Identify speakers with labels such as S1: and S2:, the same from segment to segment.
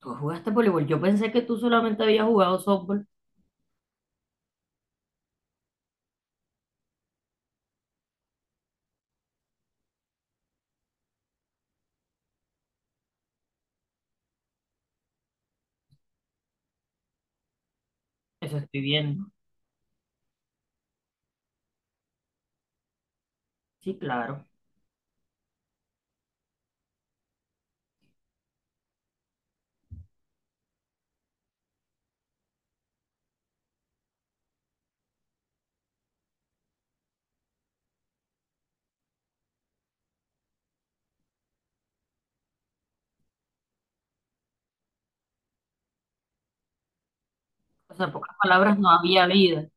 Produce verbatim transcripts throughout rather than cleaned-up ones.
S1: Tú jugaste voleibol. Yo pensé que tú solamente habías jugado softball. Eso estoy viendo. Sí, claro. O sea, en pocas palabras, no había vida,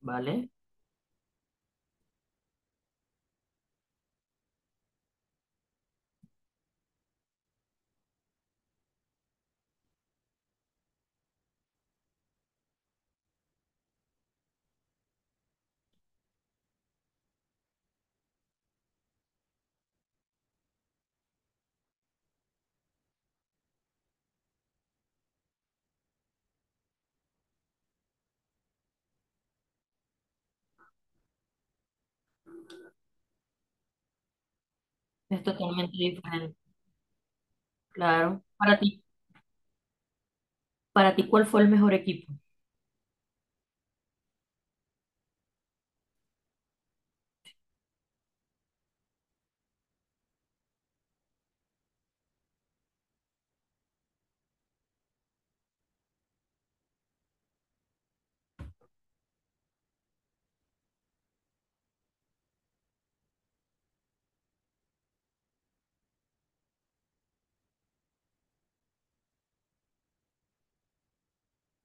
S1: ¿vale? Es totalmente diferente. Claro. Para ti, para ti, ¿cuál fue el mejor equipo?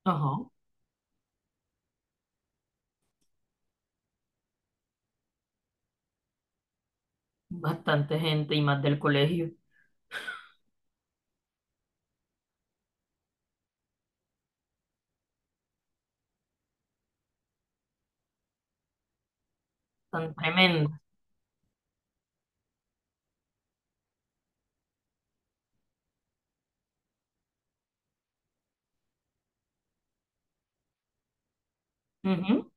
S1: Ajá. Bastante gente y más del colegio. Tan tremendo. Ujú.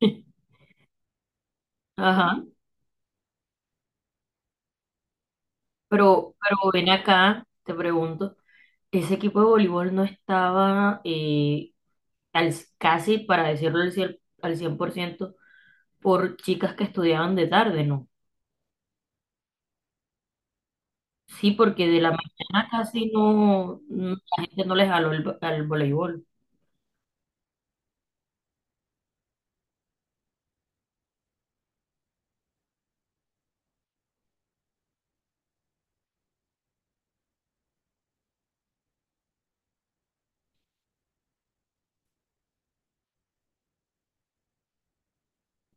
S1: Ajá. Pero, pero ven acá, te pregunto, ese equipo de voleibol no estaba eh, al- casi, para decirlo al cien- al cien por ciento por chicas que estudiaban de tarde, ¿no? Sí, porque de la mañana casi no, no- la gente no les jaló el vo- al voleibol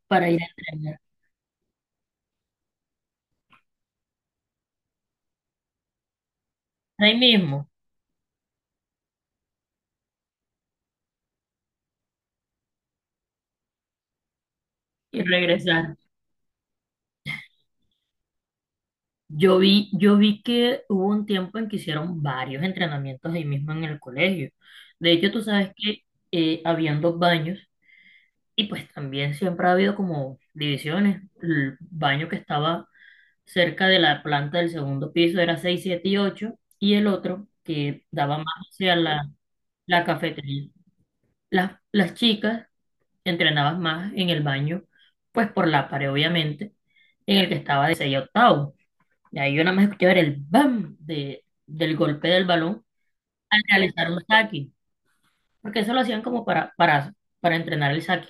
S1: para ir a entrenar. Ahí mismo y regresar. Yo vi, yo vi que hubo un tiempo en que hicieron varios entrenamientos ahí mismo en el colegio. De hecho, tú sabes que eh, habían dos baños y pues también siempre ha habido como divisiones. El baño que estaba cerca de la planta del segundo piso era seis siete y ocho, y el otro que daba más hacia la, la cafetería, las, las chicas entrenabas más en el baño, pues por la pared, obviamente, en el que estaba de seis a octavo. Y ahí yo nada más escuchaba el bam de, del golpe del balón al realizar un saque, porque eso lo hacían como para, para, para entrenar el saque.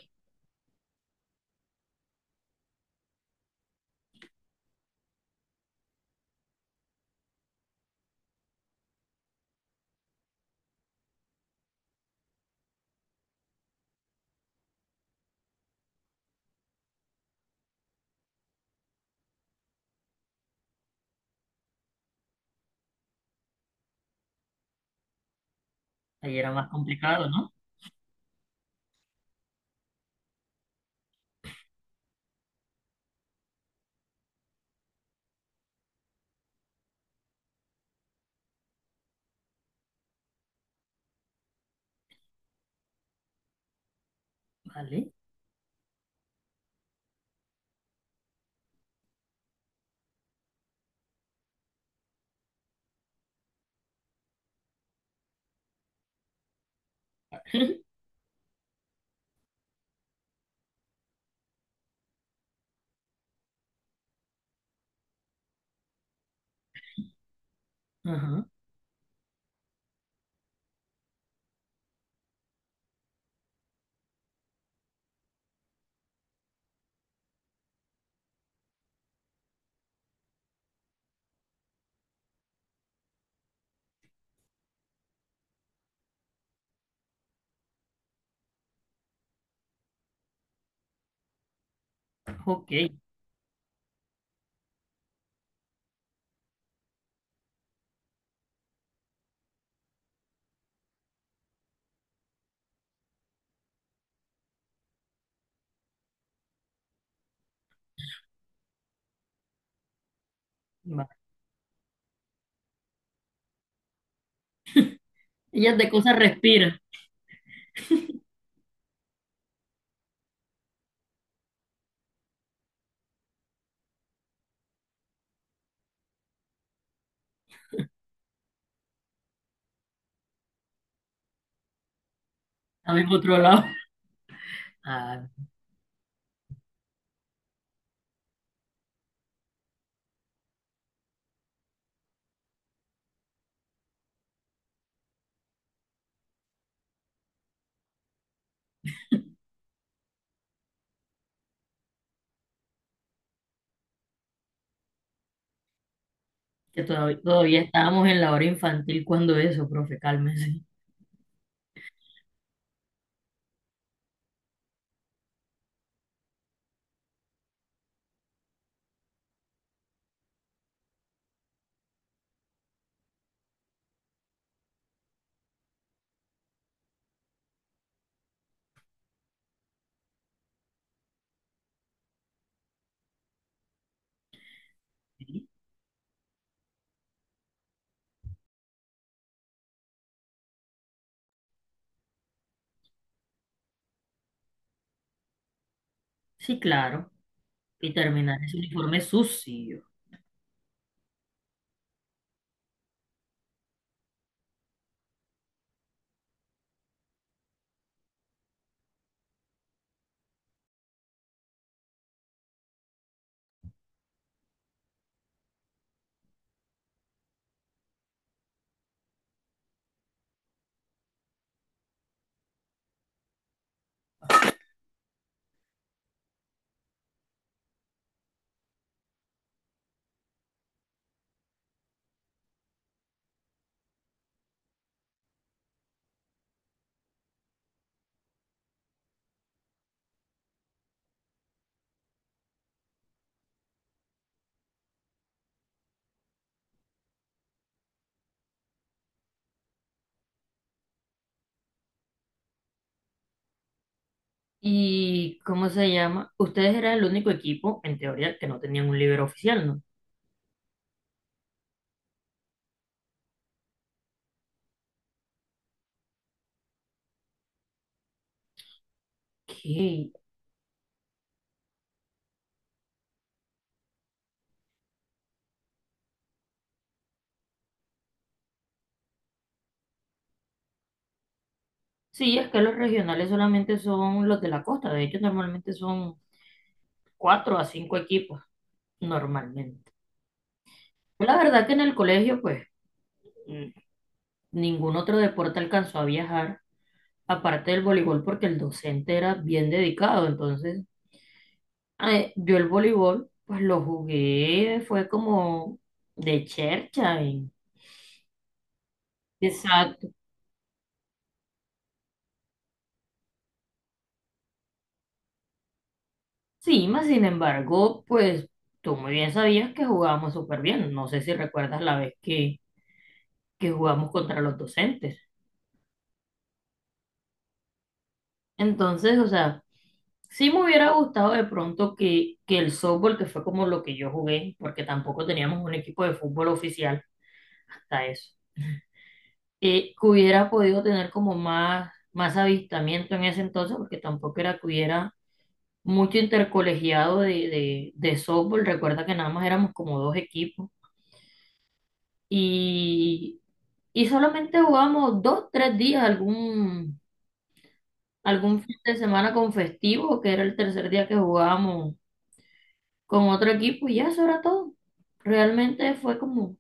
S1: Ahí era más complicado, ¿no? Vale. Ajá, ok. Va. Ellas de cosas respiran. A mi otro lado. Ah, que todavía, todavía estábamos en la hora infantil cuando eso, profe, cálmese. Sí, sí, claro. Y terminar ese uniforme sucio. ¿Y cómo se llama? Ustedes eran el único equipo, en teoría, que no tenían un líder oficial, ¿no? ¿Qué? Sí, es que los regionales solamente son los de la costa. De hecho, normalmente son cuatro a cinco equipos, normalmente. La verdad que en el colegio, pues, mm, ningún otro deporte alcanzó a viajar, aparte del voleibol, porque el docente era bien dedicado. Entonces, eh, yo el voleibol, pues lo jugué, fue como de chercha y- Exacto. Sí, más sin embargo, pues tú muy bien sabías que jugábamos súper bien. No sé si recuerdas la vez que, que jugamos contra los docentes. Entonces, o sea, sí me hubiera gustado de pronto que, que el softball, que fue como lo que yo jugué, porque tampoco teníamos un equipo de fútbol oficial hasta eso, eh, que hubiera podido tener como más, más avistamiento en ese entonces, porque tampoco era que hubiera mucho intercolegiado de, de, de softball. Recuerda que nada más éramos como dos equipos. Y Y solamente jugamos dos, tres días, algún, algún fin de semana con festivo, que era el tercer día que jugábamos con otro equipo, y ya eso era todo. Realmente fue como,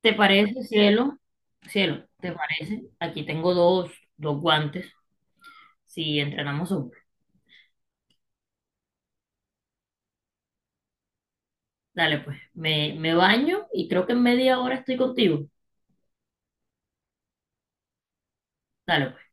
S1: ¿te parece, cielo? Cielo, ¿te parece? Aquí tengo dos, dos guantes, si entrenamos hombres. Dale, pues, me, me baño y creo que en media hora estoy contigo. Dale, pues.